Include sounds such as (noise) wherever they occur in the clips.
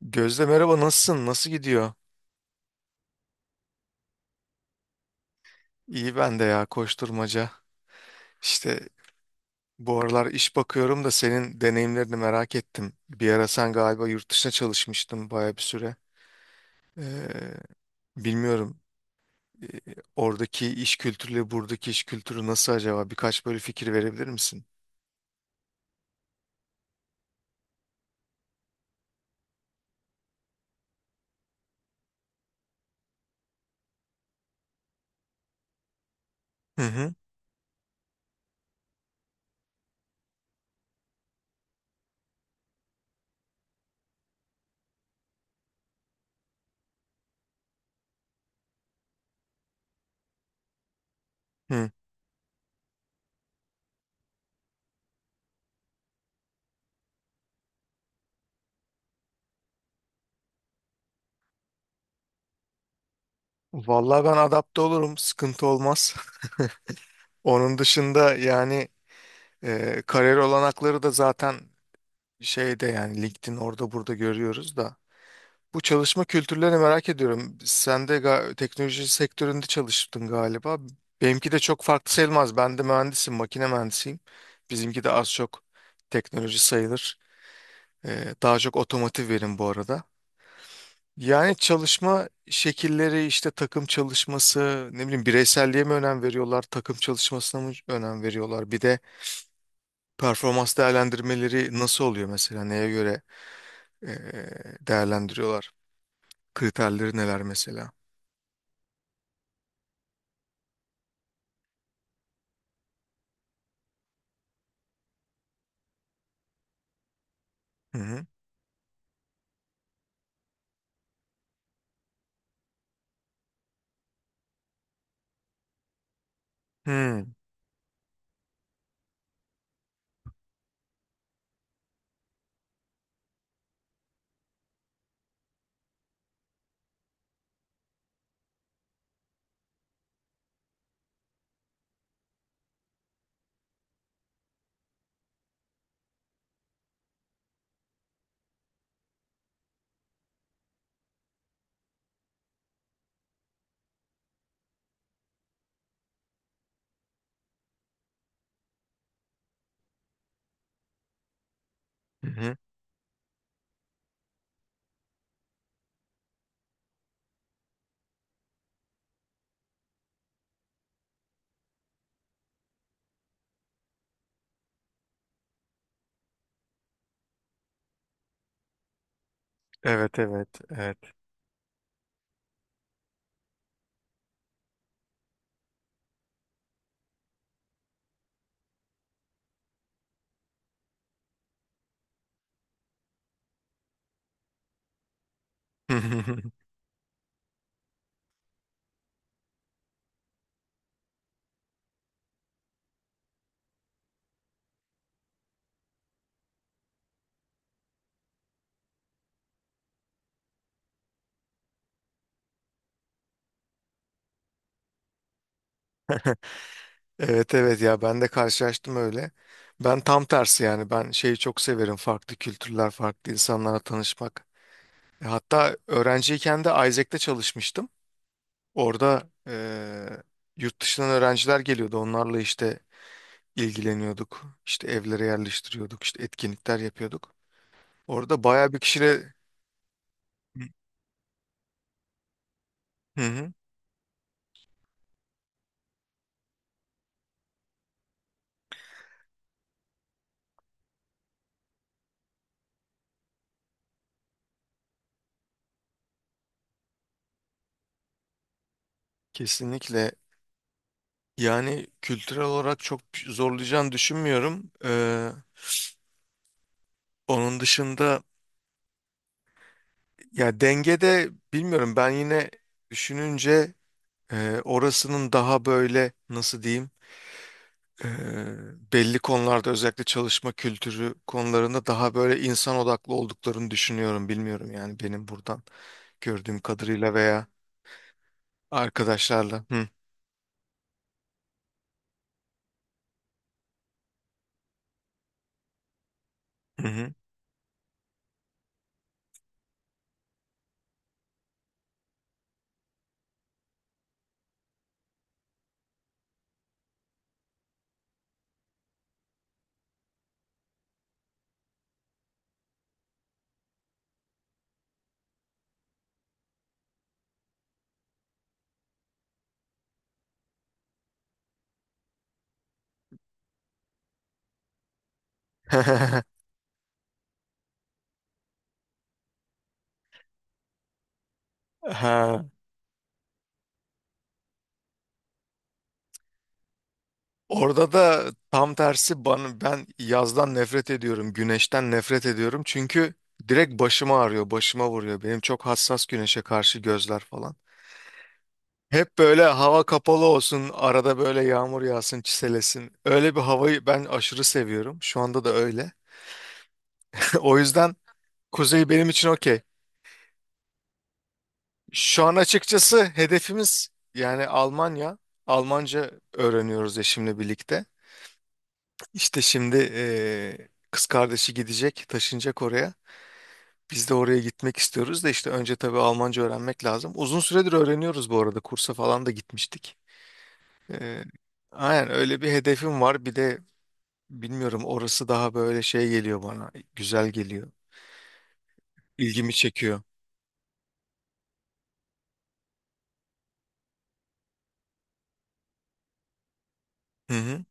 Gözde merhaba, nasılsın? Nasıl gidiyor? İyi, ben de, ya, koşturmaca. İşte bu aralar iş bakıyorum da senin deneyimlerini merak ettim. Bir ara sen galiba yurt dışına çalışmıştın, baya bir süre. Ee, bilmiyorum, ee, oradaki iş kültürüyle buradaki iş kültürü nasıl acaba? Birkaç böyle fikir verebilir misin? Hı hı. Hı. Vallahi ben adapte olurum. Sıkıntı olmaz. (laughs) Onun dışında, yani, kariyer olanakları da zaten şeyde, yani LinkedIn, orada burada görüyoruz da. Bu çalışma kültürlerini merak ediyorum. Sen de teknoloji sektöründe çalıştın galiba. Benimki de çok farklı sayılmaz. Ben de mühendisim, makine mühendisiyim. Bizimki de az çok teknoloji sayılır. Daha çok otomotiv verim bu arada. Yani çalışma şekilleri, işte takım çalışması, ne bileyim, bireyselliğe mi önem veriyorlar, takım çalışmasına mı önem veriyorlar? Bir de performans değerlendirmeleri nasıl oluyor mesela? Neye göre ee, değerlendiriyorlar? Kriterleri neler mesela? Hı hı. Hmm. Hı hı. Evet, evet, evet. (laughs) Evet, evet, ya ben de karşılaştım öyle. Ben tam tersi, yani ben şeyi çok severim, farklı kültürler, farklı insanlarla tanışmak. E, hatta öğrenciyken de Isaac'te çalışmıştım. Orada yurt dışından öğrenciler geliyordu, onlarla işte ilgileniyorduk. İşte evlere yerleştiriyorduk, işte etkinlikler yapıyorduk. Orada bayağı bir kişiyle. Hı hı. Kesinlikle, yani kültürel olarak çok zorlayacağını düşünmüyorum. Onun dışında, ya dengede bilmiyorum, ben yine düşününce orasının daha böyle, nasıl diyeyim, e, belli konularda, özellikle çalışma kültürü konularında, daha böyle insan odaklı olduklarını düşünüyorum. Bilmiyorum, yani benim buradan gördüğüm kadarıyla veya arkadaşlarla. Hı hı. Hı. (laughs) Ha. Orada da tam tersi bana, ben yazdan nefret ediyorum, güneşten nefret ediyorum. Çünkü direkt başıma ağrıyor, başıma vuruyor. Benim çok hassas güneşe karşı gözler falan. Hep böyle hava kapalı olsun, arada böyle yağmur yağsın, çiselesin. Öyle bir havayı ben aşırı seviyorum. Şu anda da öyle. (laughs) O yüzden kuzey benim için okey. Şu an açıkçası hedefimiz yani Almanya. Almanca öğreniyoruz eşimle birlikte. İşte şimdi kız kardeşi gidecek, taşınacak oraya. Biz de oraya gitmek istiyoruz da işte önce tabii Almanca öğrenmek lazım. Uzun süredir öğreniyoruz bu arada. Kursa falan da gitmiştik. Ee, aynen, öyle bir hedefim var. Bir de bilmiyorum, orası daha böyle şey geliyor bana. Güzel geliyor. İlgimi çekiyor. Hı hı.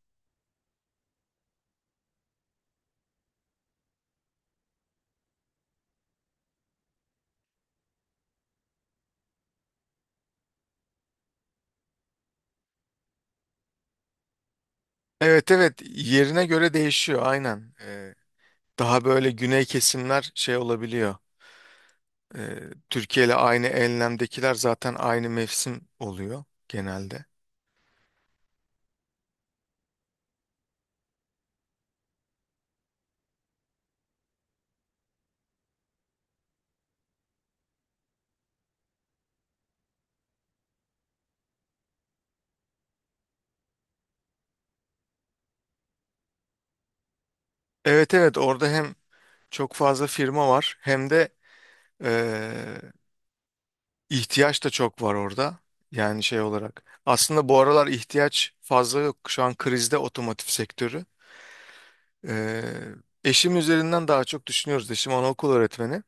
Evet, evet, yerine göre değişiyor aynen. Daha böyle güney kesimler şey olabiliyor. Ee, Türkiye ile aynı enlemdekiler zaten aynı mevsim oluyor genelde. Evet, evet, orada hem çok fazla firma var hem de Ee, ihtiyaç da çok var orada. Yani şey olarak. Aslında bu aralar ihtiyaç fazla yok. Şu an krizde otomotiv sektörü. Ee, Eşim üzerinden daha çok düşünüyoruz. Eşim anaokul öğretmeni.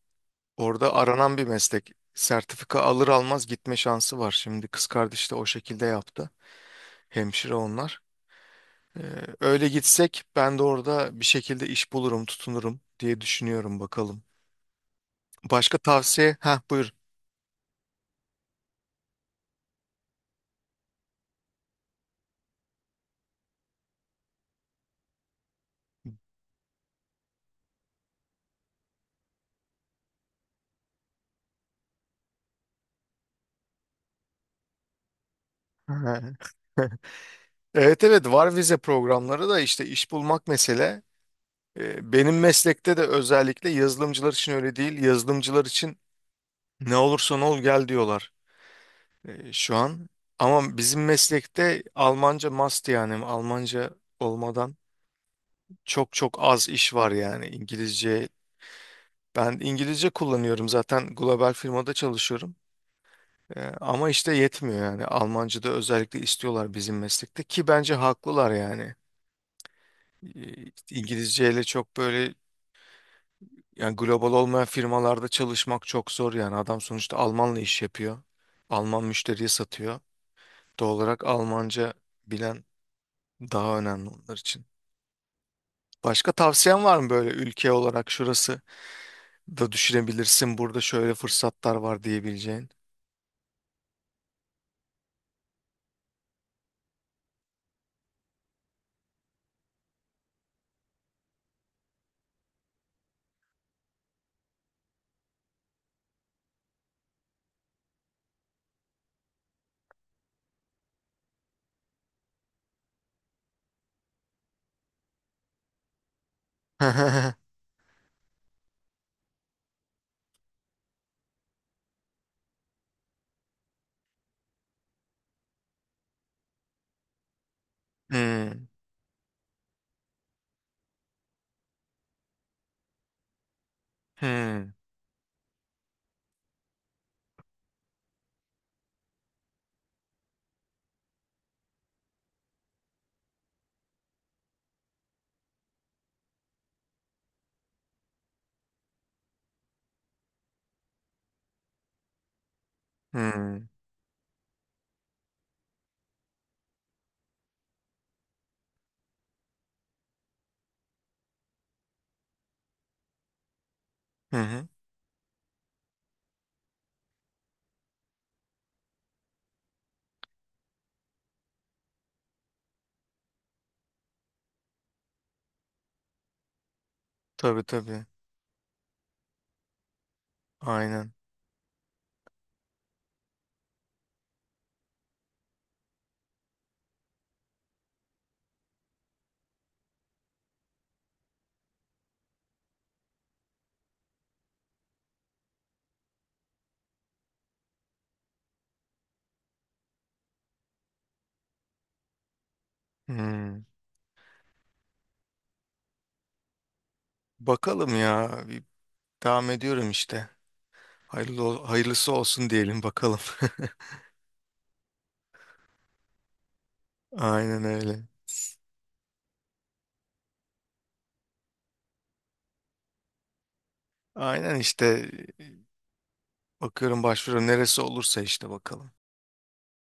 Orada aranan bir meslek. Sertifika alır almaz gitme şansı var. Şimdi kız kardeş de o şekilde yaptı. Hemşire onlar. Ee, Öyle gitsek ben de orada bir şekilde iş bulurum, tutunurum diye düşünüyorum, bakalım. Başka tavsiye? Ha, buyur. (laughs) Evet, evet, var vize programları da, işte iş bulmak mesele. Benim meslekte de özellikle yazılımcılar için öyle değil. Yazılımcılar için ne olursan ol gel diyorlar şu an. Ama bizim meslekte Almanca must, yani Almanca olmadan çok çok az iş var, yani İngilizce. Ben İngilizce kullanıyorum zaten, global firmada çalışıyorum. Ama işte yetmiyor, yani Almanca da özellikle istiyorlar bizim meslekte, ki bence haklılar yani. İngilizceyle çok böyle. Yani global olmayan firmalarda çalışmak çok zor yani. Adam sonuçta Almanla iş yapıyor. Alman müşteriye satıyor. Doğal olarak Almanca bilen daha önemli onlar için. Başka tavsiyen var mı, böyle ülke olarak şurası da düşünebilirsin, burada şöyle fırsatlar var diyebileceğin? (laughs) Hmm. Hmm. Hmm. Hı hı. Tabii, tabii. Aynen. Hmm. Bakalım ya. Bir devam ediyorum işte. Hayırlısı olsun diyelim, bakalım. (laughs) Aynen öyle. Aynen işte, bakıyorum başvuru neresi olursa, işte bakalım.